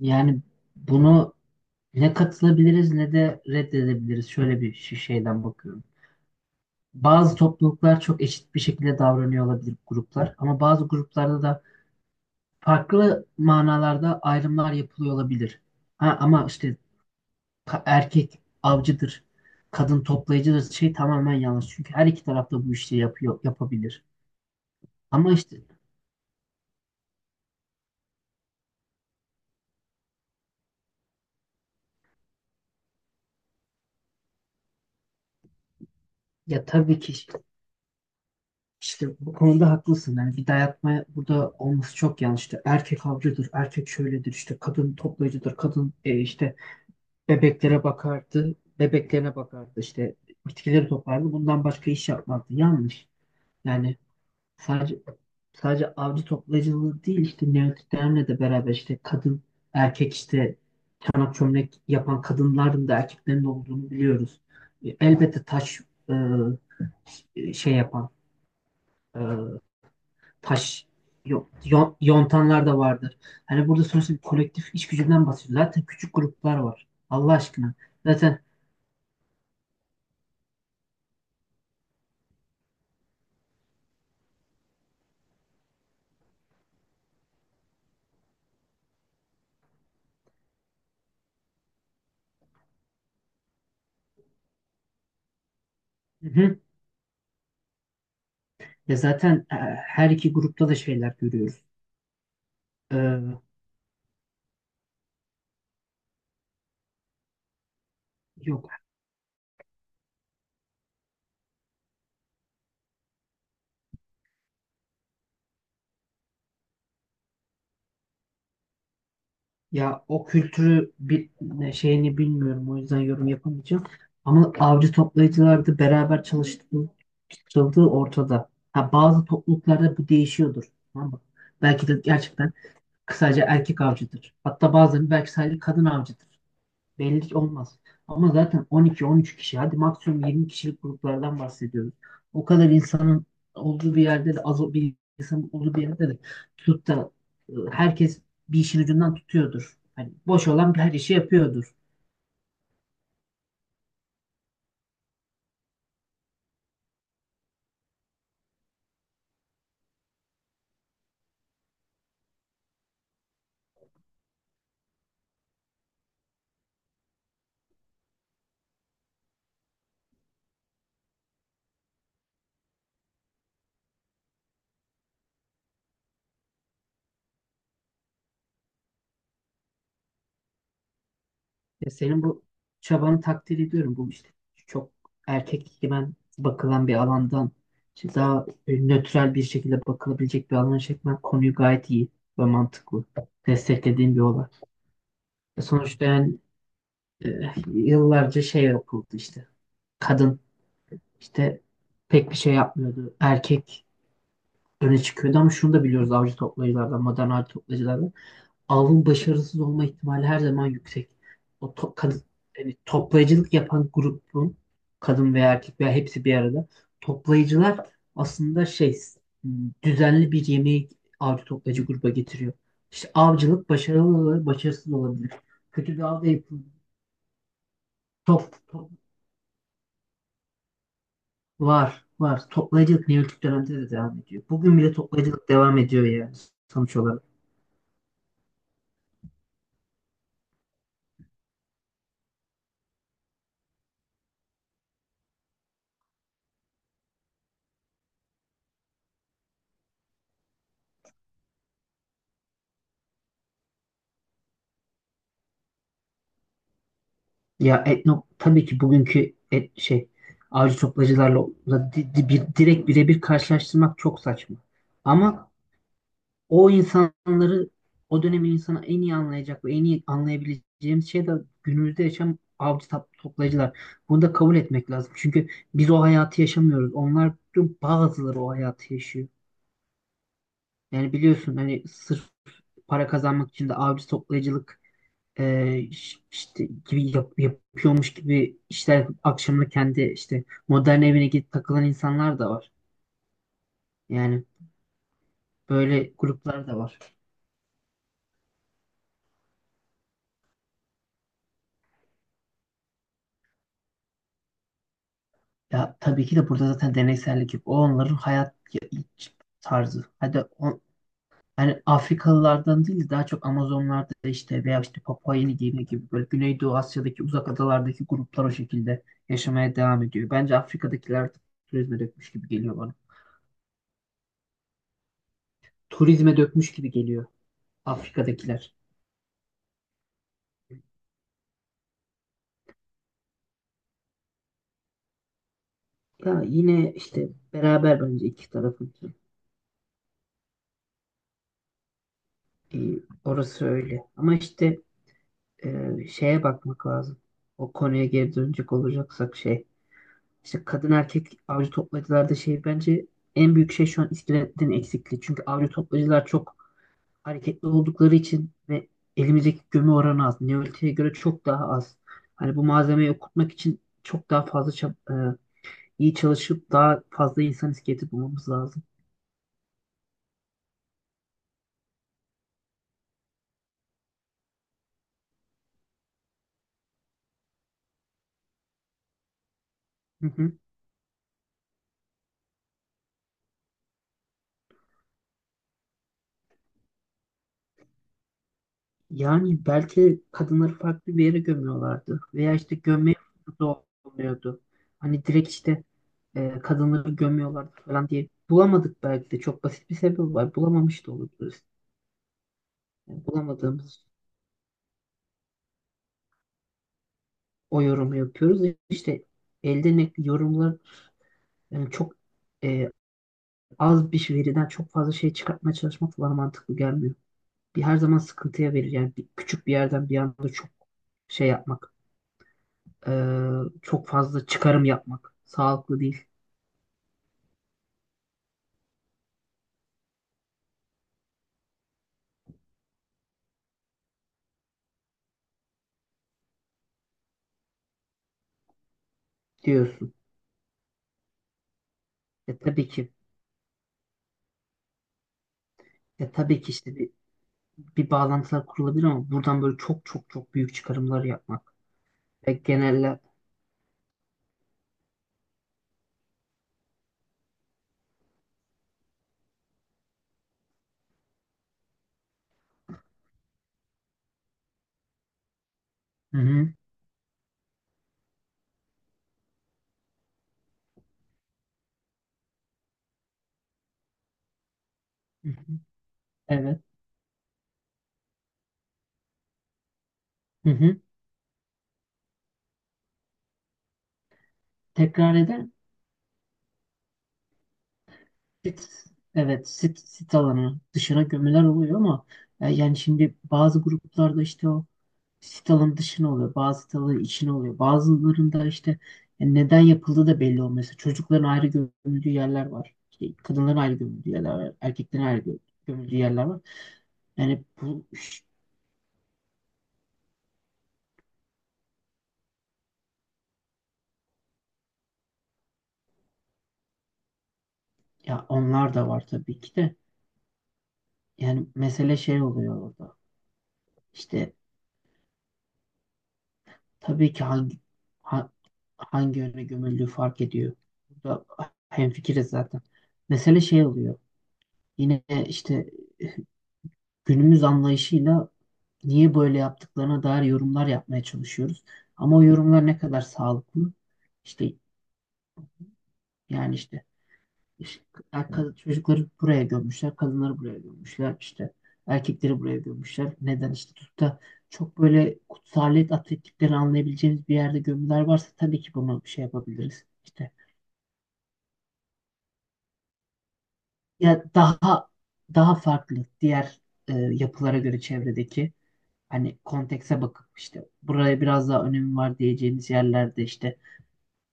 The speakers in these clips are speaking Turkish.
Yani bunu ne katılabiliriz ne de reddedebiliriz. Şöyle bir şeyden bakıyorum. Bazı topluluklar çok eşit bir şekilde davranıyor olabilir gruplar, ama bazı gruplarda da farklı manalarda ayrımlar yapılıyor olabilir. Ha, ama erkek avcıdır, kadın toplayıcıdır tamamen yanlış. Çünkü her iki tarafta bu işi yapıyor yapabilir. Ama işte, ya, tabii ki. İşte bu konuda haklısın. Yani bir dayatma burada olması çok yanlıştı. Erkek avcıdır, erkek şöyledir, işte kadın toplayıcıdır, kadın, işte bebeklere bakardı, bebeklerine bakardı, işte bitkileri toplardı. Bundan başka iş yapmazdı. Yanlış. Yani sadece sadece avcı toplayıcılığı değil, işte neolitiklerle de beraber, işte kadın, erkek, işte çanak çömlek yapan kadınların da erkeklerin de olduğunu biliyoruz. Elbette taş, e, şey yapan, e, taş yontanlar da vardır. Hani burada sonuçta bir kolektif iş gücünden bahsediyoruz. Zaten küçük gruplar var. Allah aşkına. Zaten hı hı. Ya zaten, her iki grupta da şeyler görüyoruz. Ee, yok. Ya o kültürü bir şeyini bilmiyorum. O yüzden yorum yapamayacağım. Ama avcı toplayıcılarda beraber çalışıldığı ortada. Ha, bazı topluluklarda bu değişiyordur. Tamam mı? Belki de gerçekten kısaca erkek avcıdır. Hatta bazen belki sadece kadın avcıdır. Belli olmaz. Ama zaten 12-13 kişi, hadi maksimum 20 kişilik gruplardan bahsediyoruz. O kadar insanın olduğu bir yerde de az bir insanın olduğu bir yerde de tutup da herkes bir işin ucundan tutuyordur. Hani boş olan her işi yapıyordur. Ya senin bu çabanı takdir ediyorum. Bu, işte, çok erkek ben bakılan bir alandan işte daha, nötral bir şekilde bakılabilecek bir alana çekmen konuyu gayet iyi ve mantıklı. Desteklediğim bir olay. Sonuçta yani, yıllarca şey yapıldı işte. Kadın, işte, pek bir şey yapmıyordu. Erkek öne çıkıyordu, ama şunu da biliyoruz avcı toplayıcılardan, modern avcı toplayıcılardan. Avın başarısız olma ihtimali her zaman yüksek. O kadın, yani toplayıcılık yapan grubun kadın veya erkek veya hepsi bir arada. Toplayıcılar aslında m, düzenli bir yemeği avcı toplayıcı gruba getiriyor. İşte avcılık başarılı olabilir, başarısız olabilir. Kötü bir avda yapılır. Top, top Var, var. Toplayıcılık Neolitik dönemde de devam ediyor. Bugün bile toplayıcılık devam ediyor, yani sonuç olarak. Ya tabii ki bugünkü et, şey avcı toplayıcılarla da direkt birebir karşılaştırmak çok saçma. Ama o insanları, o dönemin insanı en iyi anlayacak ve en iyi anlayabileceğimiz şey de günümüzde yaşam avcı toplayıcılar. Bunu da kabul etmek lazım. Çünkü biz o hayatı yaşamıyoruz. Onlar, bazıları, o hayatı yaşıyor. Yani biliyorsun, hani sırf para kazanmak için de avcı toplayıcılık, işte gibi yapıyormuş gibi işler yapıp akşamını kendi işte modern evine gidip takılan insanlar da var. Yani böyle gruplar da var. Ya tabii ki de burada zaten deneysellik yok. O, onların hayat tarzı. Hadi yani Afrikalılardan değil de daha çok Amazonlarda, işte, veya işte Papua Yeni Gine gibi böyle Güneydoğu Asya'daki uzak adalardaki gruplar o şekilde yaşamaya devam ediyor. Bence Afrika'dakiler artık turizme dökmüş gibi geliyor bana. Turizme dökmüş gibi geliyor Afrika'dakiler. Ya yine işte beraber bence iki tarafın. Ee, orası öyle. Ama işte, şeye bakmak lazım. O konuya geri dönecek olacaksak şey. İşte kadın erkek avcı toplayıcılarda şey, bence, en büyük şey şu an iskeletin eksikliği. Çünkü avcı toplayıcılar çok hareketli oldukları için ve elimizdeki gömü oranı az. Neolitik'e göre çok daha az. Hani bu malzemeyi okutmak için çok daha fazla iyi çalışıp daha fazla insan iskeleti bulmamız lazım. Hı hı. Yani belki kadınları farklı bir yere gömüyorlardı. Veya işte gömme fırsatı olmuyordu. Hani direkt işte, kadınları gömüyorlardı falan diye. Bulamadık belki de. Çok basit bir sebep var. Bulamamış da olabiliriz. Yani bulamadığımız o yorumu yapıyoruz. İşte elde ne yorumlar, yani çok, e, az bir veriden çok fazla şey çıkartmaya çalışmak bana mantıklı gelmiyor. Bir her zaman sıkıntıya verir. Yani bir, küçük bir yerden bir anda çok şey yapmak. Ee, çok fazla çıkarım yapmak sağlıklı değil diyorsun. E tabii ki e tabii ki, işte bir, bir bağlantılar kurulabilir, ama buradan böyle çok çok çok büyük çıkarımlar yapmak ve genelle hı hı, hı hı, evet, hı hı. Tekrar eder sit, evet, sit alanı dışına gömüler oluyor, ama yani şimdi bazı gruplarda işte o sit alanı dışına oluyor. Bazı sit alanı içine oluyor. Bazılarında işte, neden yapıldığı da belli olmuyor. Mesela çocukların ayrı gömüldüğü yerler var. İşte kadınların ayrı gömüldüğü yerler var. Erkeklerin ayrı gömüldüğü yerler var. Yani bu, ya, onlar da var tabii ki de. Yani mesele şey oluyor orada. İşte tabii ki hangi ha- hangi yöne gömüldüğü fark ediyor. Burada hemfikiriz zaten. Mesele şey oluyor. Yine işte günümüz anlayışıyla niye böyle yaptıklarına dair yorumlar yapmaya çalışıyoruz. Ama o yorumlar ne kadar sağlıklı? İşte, yani, işte, işte, çocukları buraya gömmüşler, kadınları buraya gömmüşler, işte erkekleri buraya gömmüşler. Neden işte tutup da çok böyle kutsaliyet atfettiklerini anlayabileceğimiz bir yerde gömüler varsa tabii ki bunu şey yapabiliriz. İşte ya daha farklı diğer, yapılara göre çevredeki hani kontekse bakıp işte buraya biraz daha önemi var diyeceğimiz yerlerde, işte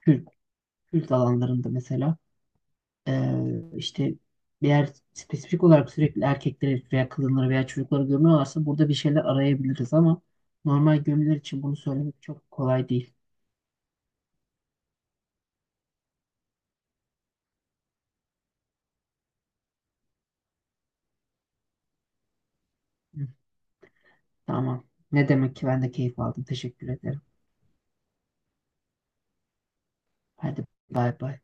Kürt, Kürt alanlarında mesela, e, işte bir yer spesifik olarak sürekli erkekleri veya kadınları veya çocukları gömüyorlarsa burada bir şeyler arayabiliriz, ama normal gömüler için bunu söylemek çok kolay değil. Hı, tamam. Ne demek, ki ben de keyif aldım. Teşekkür ederim. Hadi bay bay.